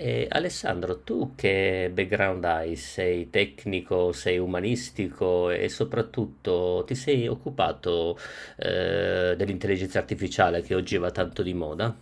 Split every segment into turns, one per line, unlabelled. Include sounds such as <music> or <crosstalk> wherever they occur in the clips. E Alessandro, tu che background hai? Sei tecnico, sei umanistico e soprattutto ti sei occupato dell'intelligenza artificiale che oggi va tanto di moda?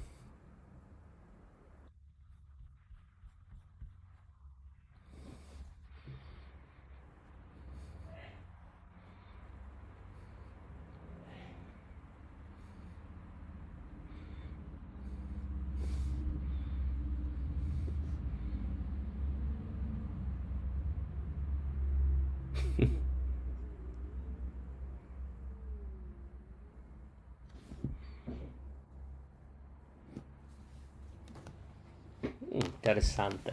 Mm, interessante.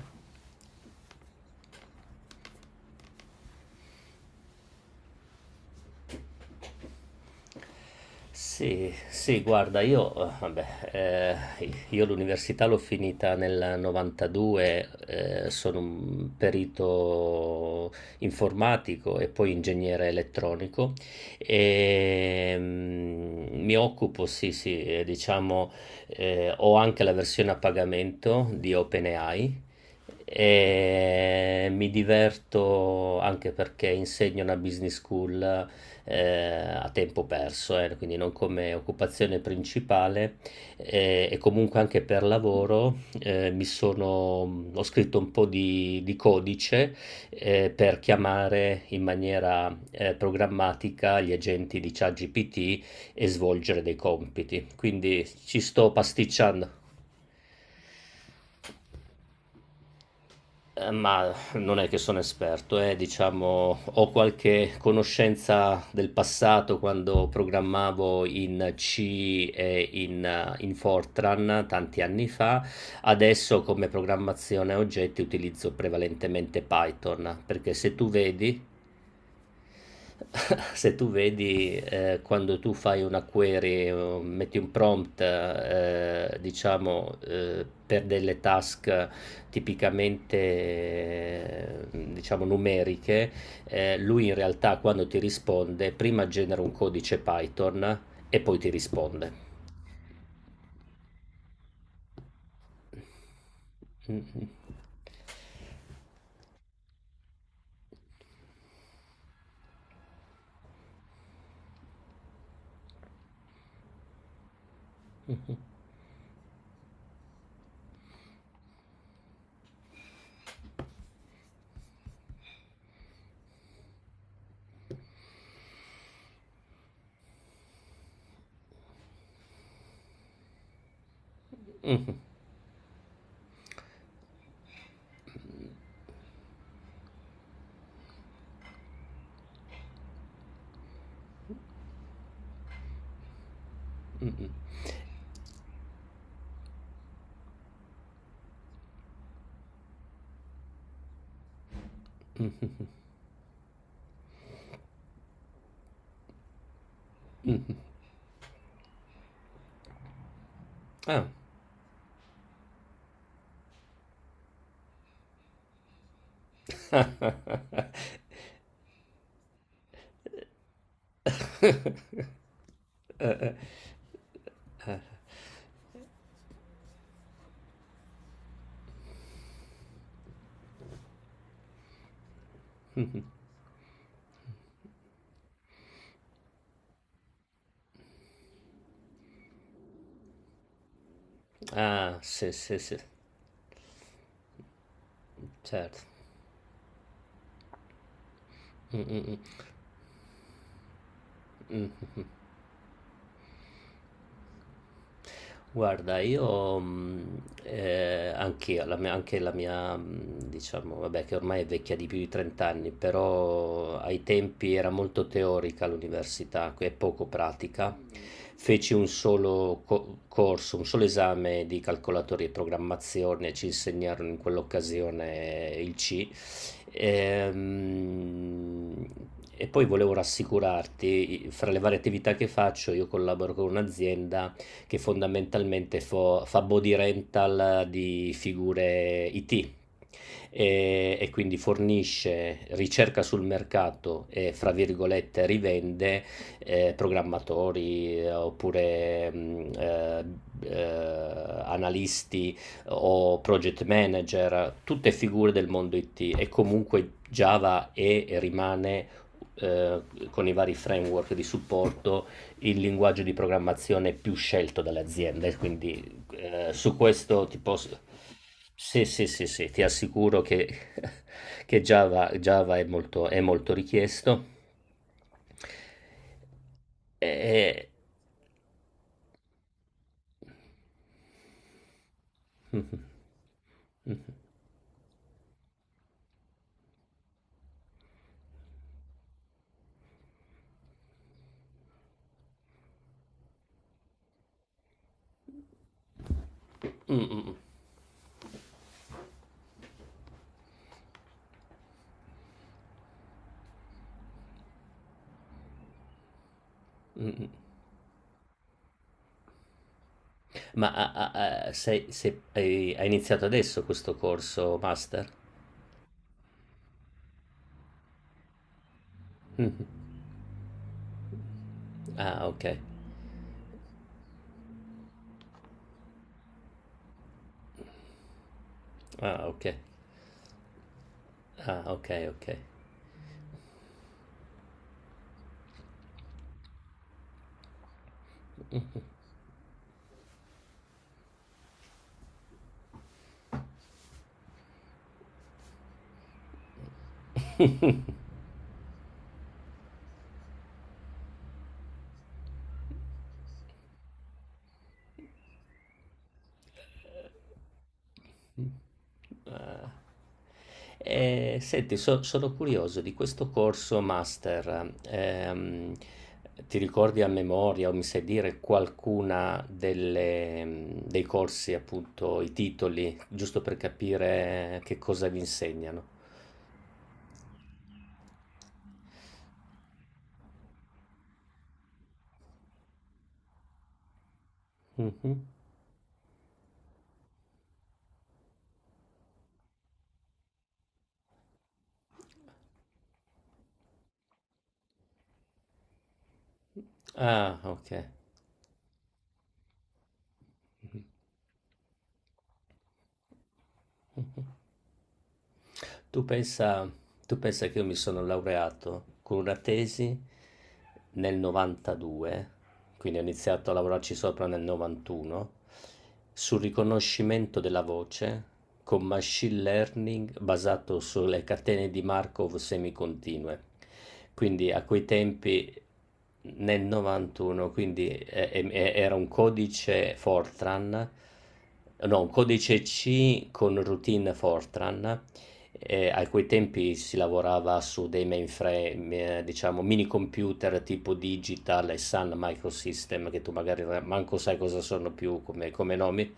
Sì, sì, guarda, io l'università l'ho finita nel 92, sono un perito informatico e poi ingegnere elettronico mi occupo, sì, sì, diciamo, ho anche la versione a pagamento di OpenAI. E mi diverto anche perché insegno una business school, a tempo perso, quindi non come occupazione principale. E comunque anche per lavoro ho scritto un po' di codice per chiamare in maniera programmatica gli agenti di ChatGPT e svolgere dei compiti. Quindi ci sto pasticciando. Ma non è che sono esperto, diciamo ho qualche conoscenza del passato quando programmavo in C e in Fortran tanti anni fa. Adesso come programmazione a oggetti utilizzo prevalentemente Python, perché se tu vedi <laughs> se tu vedi, quando tu fai una query o metti un prompt, diciamo, per delle task tipicamente, diciamo numeriche, lui in realtà quando ti risponde prima genera un codice Python e poi ti risponde. Mh-mh. Mh-mh, mh-mh, mh-mh. Ah. <laughs> Eh, eh. Mh-mh. Ah, sì, sì, sì, certo. Mh, mh, mh. Mh, mh, mh. Guarda, io anch'io, anche la mia, diciamo, vabbè, che ormai è vecchia di più di 30 anni, però ai tempi era molto teorica l'università e poco pratica. Feci un solo corso, un solo esame di calcolatori e programmazione, e ci insegnarono in quell'occasione il C. Ehm, E poi volevo rassicurarti, fra le varie attività che faccio, io collaboro con un'azienda che fondamentalmente fa body rental di figure IT e quindi fornisce ricerca sul mercato e fra virgolette rivende programmatori oppure eh, analisti o project manager, tutte figure del mondo IT. E comunque Java è e rimane, eh, con i vari framework di supporto, il linguaggio di programmazione più scelto dalle aziende, quindi su questo ti posso... Sì, sì, sì, sì, ti assicuro che, <laughs> che Java è molto richiesto. E... Mhm. Mm, mm, mm. Mm. Ma hai, iniziato adesso questo corso master? Mm. Ah, ok. Ah, ok. Ah, ok, ok. Eh, senti, sono curioso di questo corso master. Ti ricordi a memoria o mi sai dire qualcuna dei corsi, appunto, i titoli, giusto per capire che cosa vi insegnano? Mhm. Ah, ok. Mm-hmm. Tu pensa, tu pensa che io mi sono laureato con una tesi nel 92, quindi ho iniziato a lavorarci sopra nel 91, sul riconoscimento della voce con machine learning basato sulle catene di Markov semicontinue. Quindi a quei tempi nel 91, quindi era un codice Fortran, no, un codice C con routine Fortran. A quei tempi si lavorava su dei mainframe, diciamo mini computer tipo Digital e Sun Microsystem, che tu magari manco sai cosa sono più come, come nomi.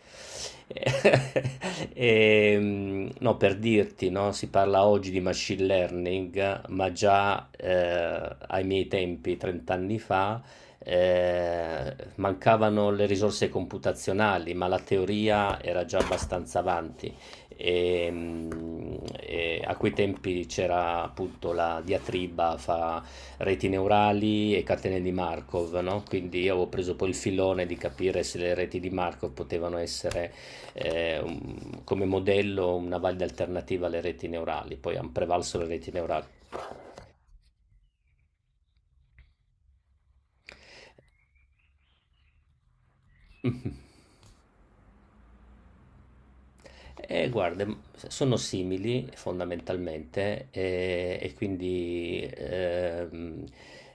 <laughs> No, per dirti, no, si parla oggi di machine learning, ma già ai miei tempi, 30 anni fa, mancavano le risorse computazionali, ma la teoria era già abbastanza avanti e, mh, e a quei tempi c'era appunto la diatriba fra reti neurali e catene di Markov, no? Quindi io avevo preso poi il filone di capire se le reti di Markov potevano essere come modello una valida alternativa alle reti neurali. Poi hanno prevalso le reti neurali. Guarda, sono simili fondamentalmente e quindi ehm,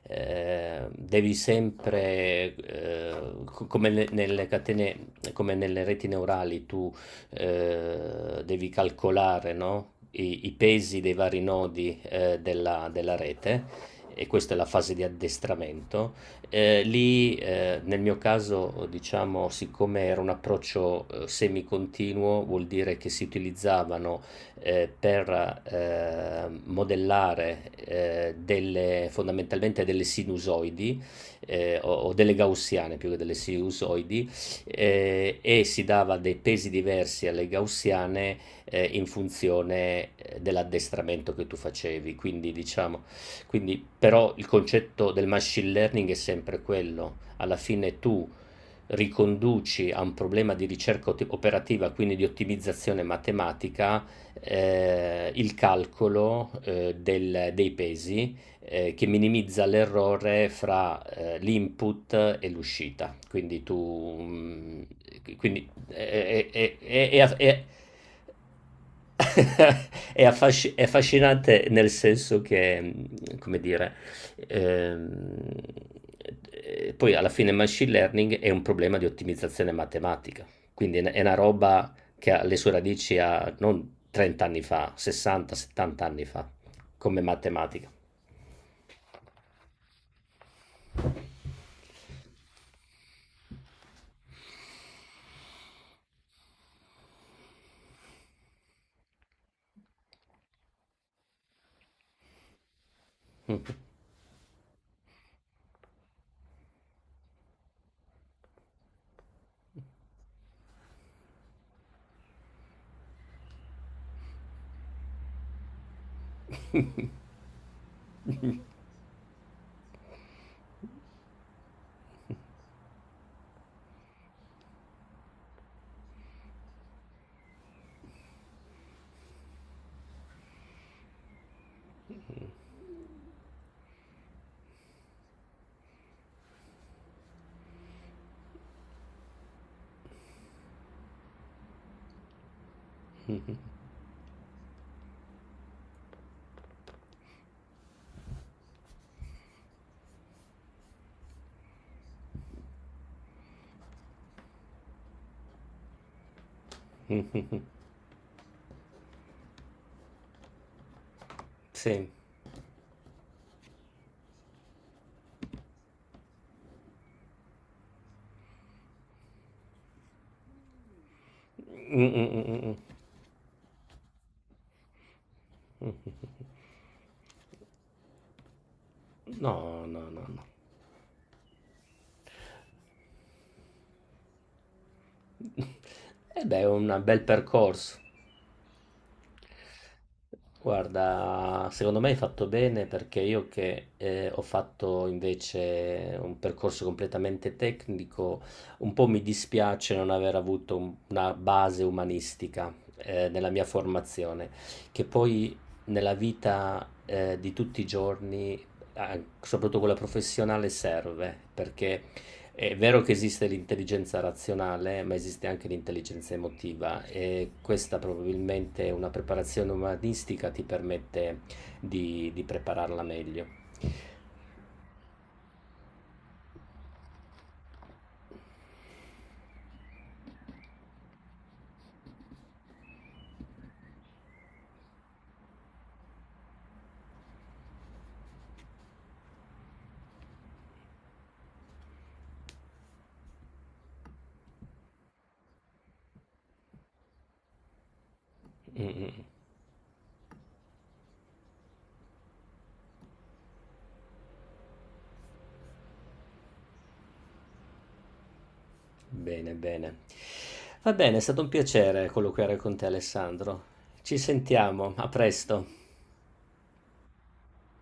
eh, devi sempre, nelle catene, come nelle reti neurali, tu devi calcolare, no? I pesi dei vari nodi della rete e questa è la fase di addestramento. Lì, nel mio caso, diciamo, siccome era un approccio semicontinuo, vuol dire che si utilizzavano per modellare fondamentalmente delle sinusoidi o delle gaussiane più che delle sinusoidi, e si dava dei pesi diversi alle gaussiane in funzione dell'addestramento che tu facevi. Quindi, diciamo, però, il concetto del machine learning è sempre quello. Alla fine tu riconduci a un problema di ricerca operativa, quindi di ottimizzazione matematica, il calcolo dei pesi che minimizza l'errore fra l'input e l'uscita. Quindi tu, mm, quindi è- <laughs> è affascinante nel senso che, come dire, ehm, poi alla fine machine learning è un problema di ottimizzazione matematica, quindi è una roba che ha le sue radici a non 30 anni fa, 60, 70 anni fa, come matematica. Mh. Sì. Mh, mh, mh, mh, mh. Mh, mh, mh. No, no, no, no. <laughs> Eh beh, è un bel percorso. Guarda, secondo me hai fatto bene perché io che ho fatto invece un percorso completamente tecnico, un po' mi dispiace non aver avuto una base umanistica nella mia formazione, che poi nella vita di tutti i giorni, soprattutto quella professionale, serve perché è vero che esiste l'intelligenza razionale, ma esiste anche l'intelligenza emotiva e questa probabilmente una preparazione umanistica ti permette di prepararla meglio. Mm, mm. Bene, bene. Va bene, è stato un piacere colloquiare con te, Alessandro. Ci sentiamo, a presto.